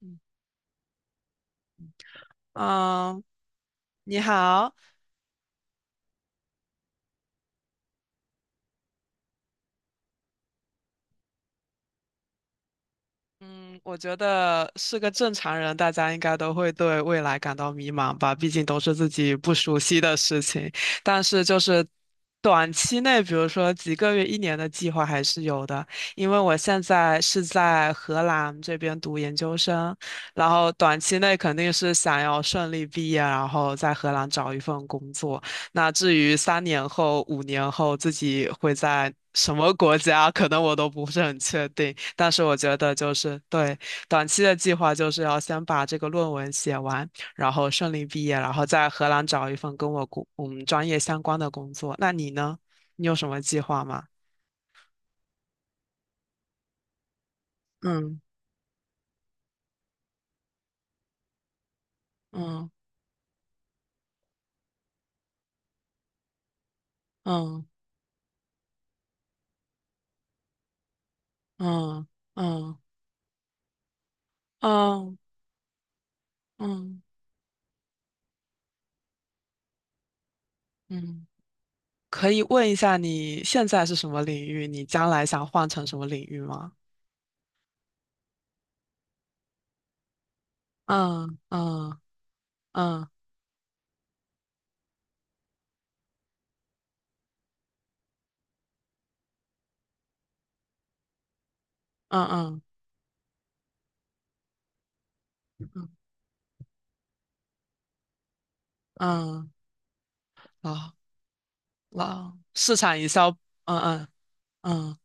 嗯嗯。你好，嗯，我觉得是个正常人，大家应该都会对未来感到迷茫吧，毕竟都是自己不熟悉的事情。但是就是短期内，比如说几个月、一年的计划还是有的，因为我现在是在荷兰这边读研究生，然后短期内肯定是想要顺利毕业，然后在荷兰找一份工作。那至于3年后、5年后自己会在什么国家，可能我都不是很确定。但是我觉得就是对短期的计划，就是要先把这个论文写完，然后顺利毕业，然后在荷兰找一份跟我们专业相关的工作。那你呢？你有什么计划吗？嗯嗯嗯嗯嗯嗯嗯嗯。可以问一下你现在是什么领域？你将来想换成什么领域吗？嗯嗯嗯嗯嗯嗯嗯，老老市场营销，嗯嗯嗯。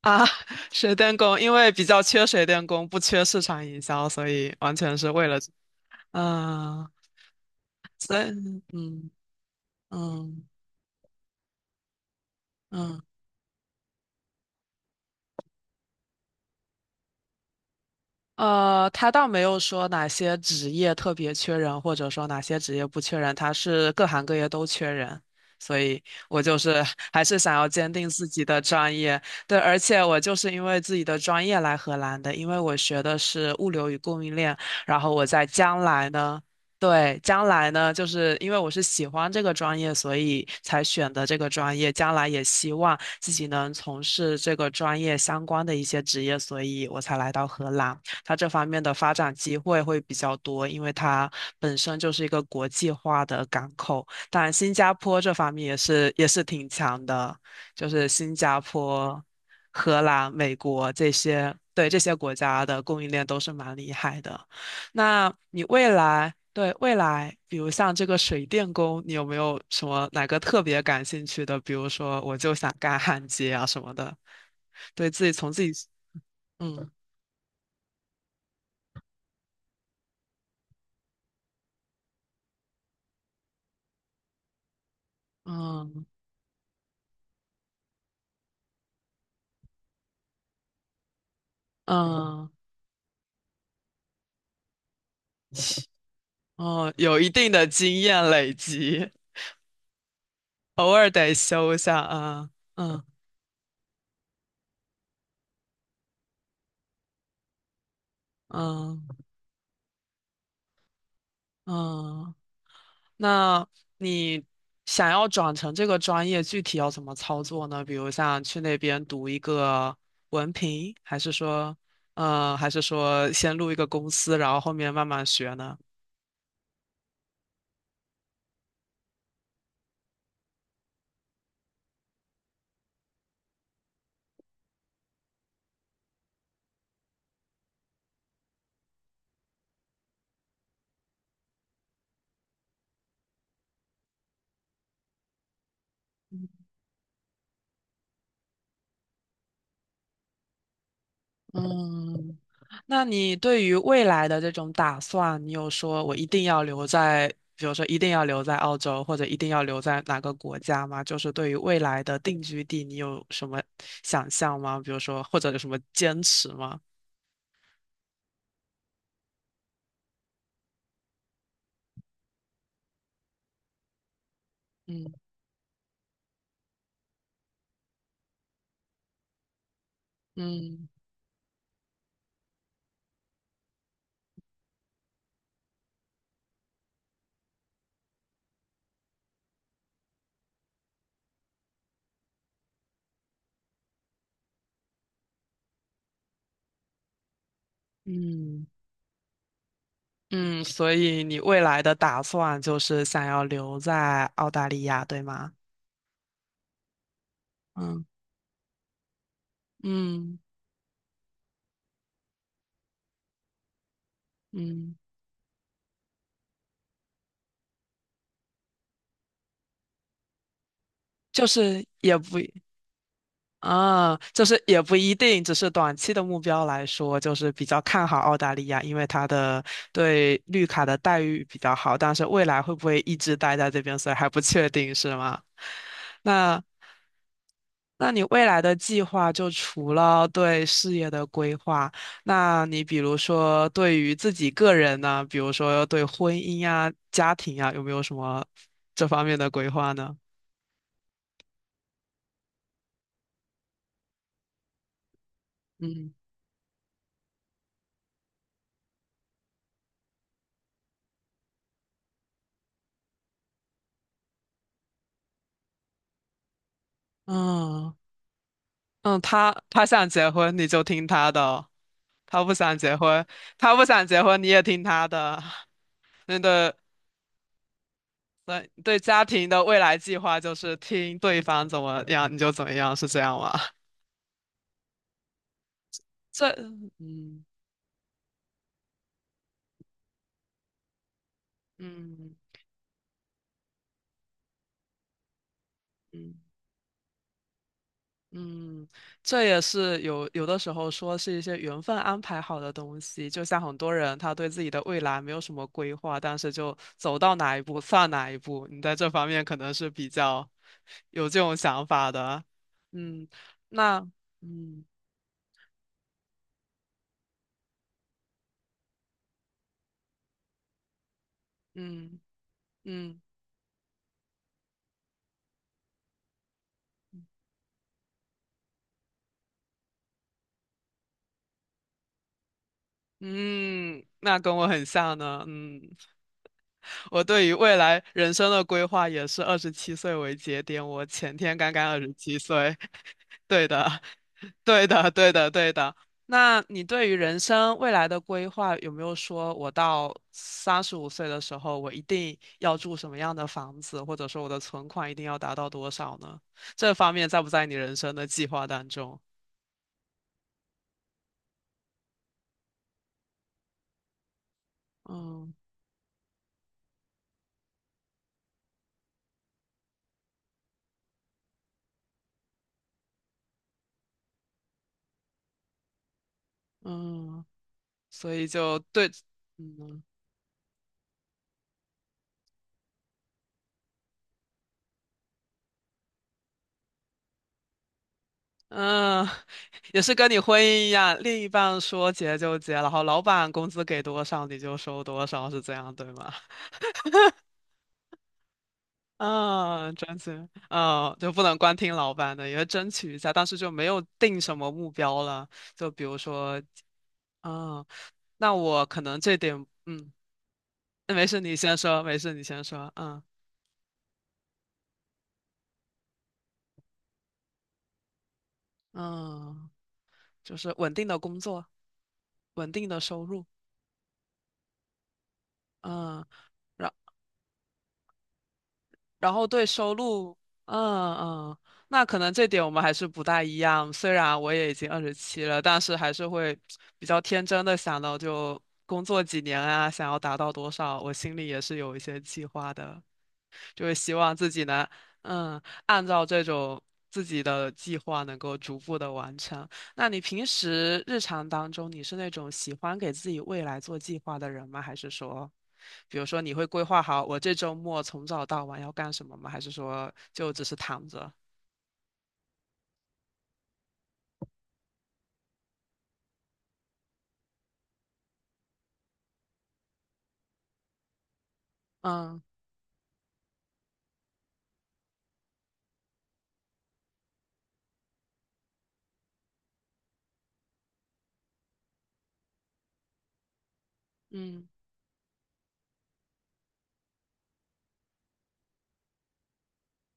啊，水电工，因为比较缺水电工，不缺市场营销，所以完全是为了，嗯，所以嗯嗯嗯。呃，他倒没有说哪些职业特别缺人，或者说哪些职业不缺人，他是各行各业都缺人，所以我就是还是想要坚定自己的专业。对，而且我就是因为自己的专业来荷兰的，因为我学的是物流与供应链，然后我在将来呢，对，将来呢，就是因为我是喜欢这个专业，所以才选的这个专业，将来也希望自己能从事这个专业相关的一些职业，所以我才来到荷兰。它这方面的发展机会会比较多，因为它本身就是一个国际化的港口。当然，新加坡这方面也是挺强的，就是新加坡、荷兰、美国这些，对这些国家的供应链都是蛮厉害的。那你未来，对，未来，比如像这个水电工，你有没有什么哪个特别感兴趣的？比如说，我就想干焊接啊什么的，对自己从自己，嗯嗯嗯。哦，有一定的经验累积，偶尔得修一下啊。嗯嗯嗯。那你想要转成这个专业，具体要怎么操作呢？比如像去那边读一个文凭，还是说，呃，还是说先入一个公司，然后后面慢慢学呢？嗯。那你对于未来的这种打算，你有说我一定要留在，比如说一定要留在澳洲，或者一定要留在哪个国家吗？就是对于未来的定居地，你有什么想象吗？比如说，或者有什么坚持吗？嗯嗯嗯嗯。所以你未来的打算就是想要留在澳大利亚，对吗？嗯嗯嗯，就是也不。啊，就是也不一定，只是短期的目标来说，就是比较看好澳大利亚，因为它的对绿卡的待遇比较好，但是未来会不会一直待在这边，所以还不确定，是吗？那那你未来的计划，就除了对事业的规划，那你比如说对于自己个人呢，比如说对婚姻呀、家庭呀，有没有什么这方面的规划呢？嗯嗯。嗯，他想结婚你就听他的哦，他不想结婚，他不想结婚你也听他的。那对对对，家庭的未来计划就是听对方怎么样你就怎么样，是这样吗？这嗯嗯嗯。嗯，这也是有的时候说是一些缘分安排好的东西，就像很多人他对自己的未来没有什么规划，但是就走到哪一步算哪一步。你在这方面可能是比较有这种想法的，嗯。那嗯嗯嗯嗯，那跟我很像呢，嗯。我对于未来人生的规划也是二十七岁为节点，我前天刚刚二十七岁。对的，对的，对的，对的。那你对于人生未来的规划有没有说，我到35岁的时候，我一定要住什么样的房子，或者说我的存款一定要达到多少呢？这方面在不在你人生的计划当中？嗯嗯，所以就对，嗯。嗯，也是跟你婚姻一样，另一半说结就结，然后老板工资给多少你就收多少，是这样对吗？嗯，争取，嗯，就不能光听老板的，也要争取一下，但是就没有定什么目标了。就比如说，嗯，那我可能这点，嗯，那没事，你先说，没事，你先说，嗯嗯，就是稳定的工作，稳定的收入，嗯。然后对收入，嗯嗯，那可能这点我们还是不大一样。虽然我也已经二十七了，但是还是会比较天真的想到，就工作几年啊，想要达到多少，我心里也是有一些计划的，就是希望自己能，嗯，按照这种自己的计划能够逐步的完成。那你平时日常当中，你是那种喜欢给自己未来做计划的人吗？还是说？比如说，你会规划好我这周末从早到晚要干什么吗？还是说就只是躺着？嗯嗯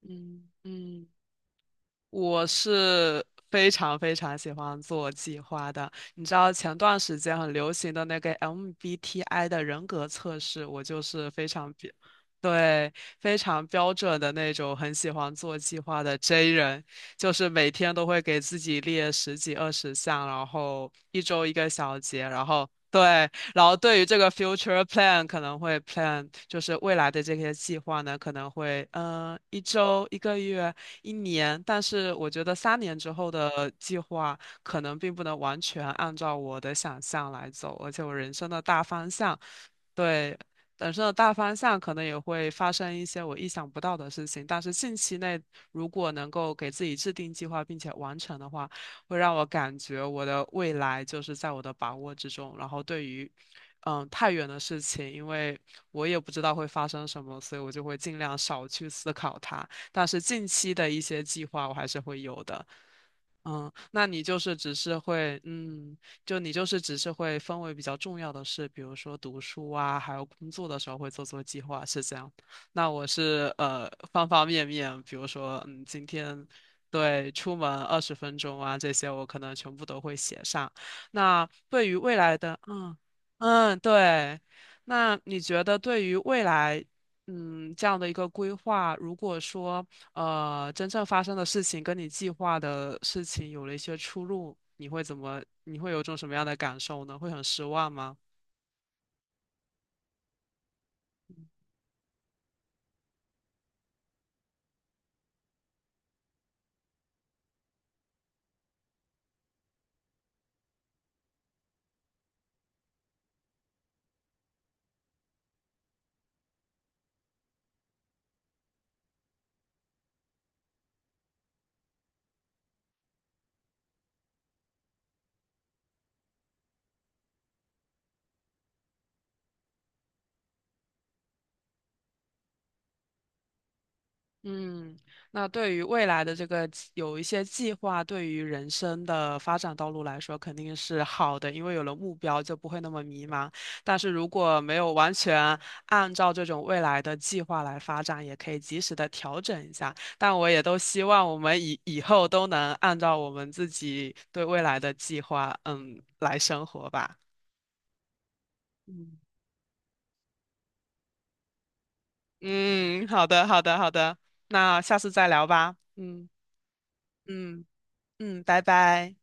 嗯嗯。我是非常非常喜欢做计划的。你知道前段时间很流行的那个 MBTI 的人格测试，我就是非常标，对，非常标准的那种，很喜欢做计划的 J 人。就是每天都会给自己列十几二十项，然后一周一个小节，然后对，然后对于这个 future plan 可能会 plan 就是未来的这些计划呢，可能会一周、一个月、一年，但是我觉得3年之后的计划可能并不能完全按照我的想象来走，而且我人生的大方向，对。人生的大方向可能也会发生一些我意想不到的事情，但是近期内如果能够给自己制定计划并且完成的话，会让我感觉我的未来就是在我的把握之中。然后对于，嗯，太远的事情，因为我也不知道会发生什么，所以我就会尽量少去思考它。但是近期的一些计划，我还是会有的。嗯，那你就是只是会，嗯，就你就是只是会分为比较重要的事，比如说读书啊，还有工作的时候会做做计划，是这样。那我是呃方方面面，比如说，嗯，今天对，出门20分钟啊，这些我可能全部都会写上。那对于未来的，嗯嗯，对，那你觉得对于未来，嗯，这样的一个规划，如果说呃真正发生的事情跟你计划的事情有了一些出入，你会怎么？你会有种什么样的感受呢？会很失望吗？嗯，那对于未来的这个有一些计划，对于人生的发展道路来说，肯定是好的，因为有了目标就不会那么迷茫。但是如果没有完全按照这种未来的计划来发展，也可以及时的调整一下。但我也都希望我们以后都能按照我们自己对未来的计划，嗯，来生活吧。嗯嗯，好的，好的，好的，那下次再聊吧。嗯嗯嗯，拜拜。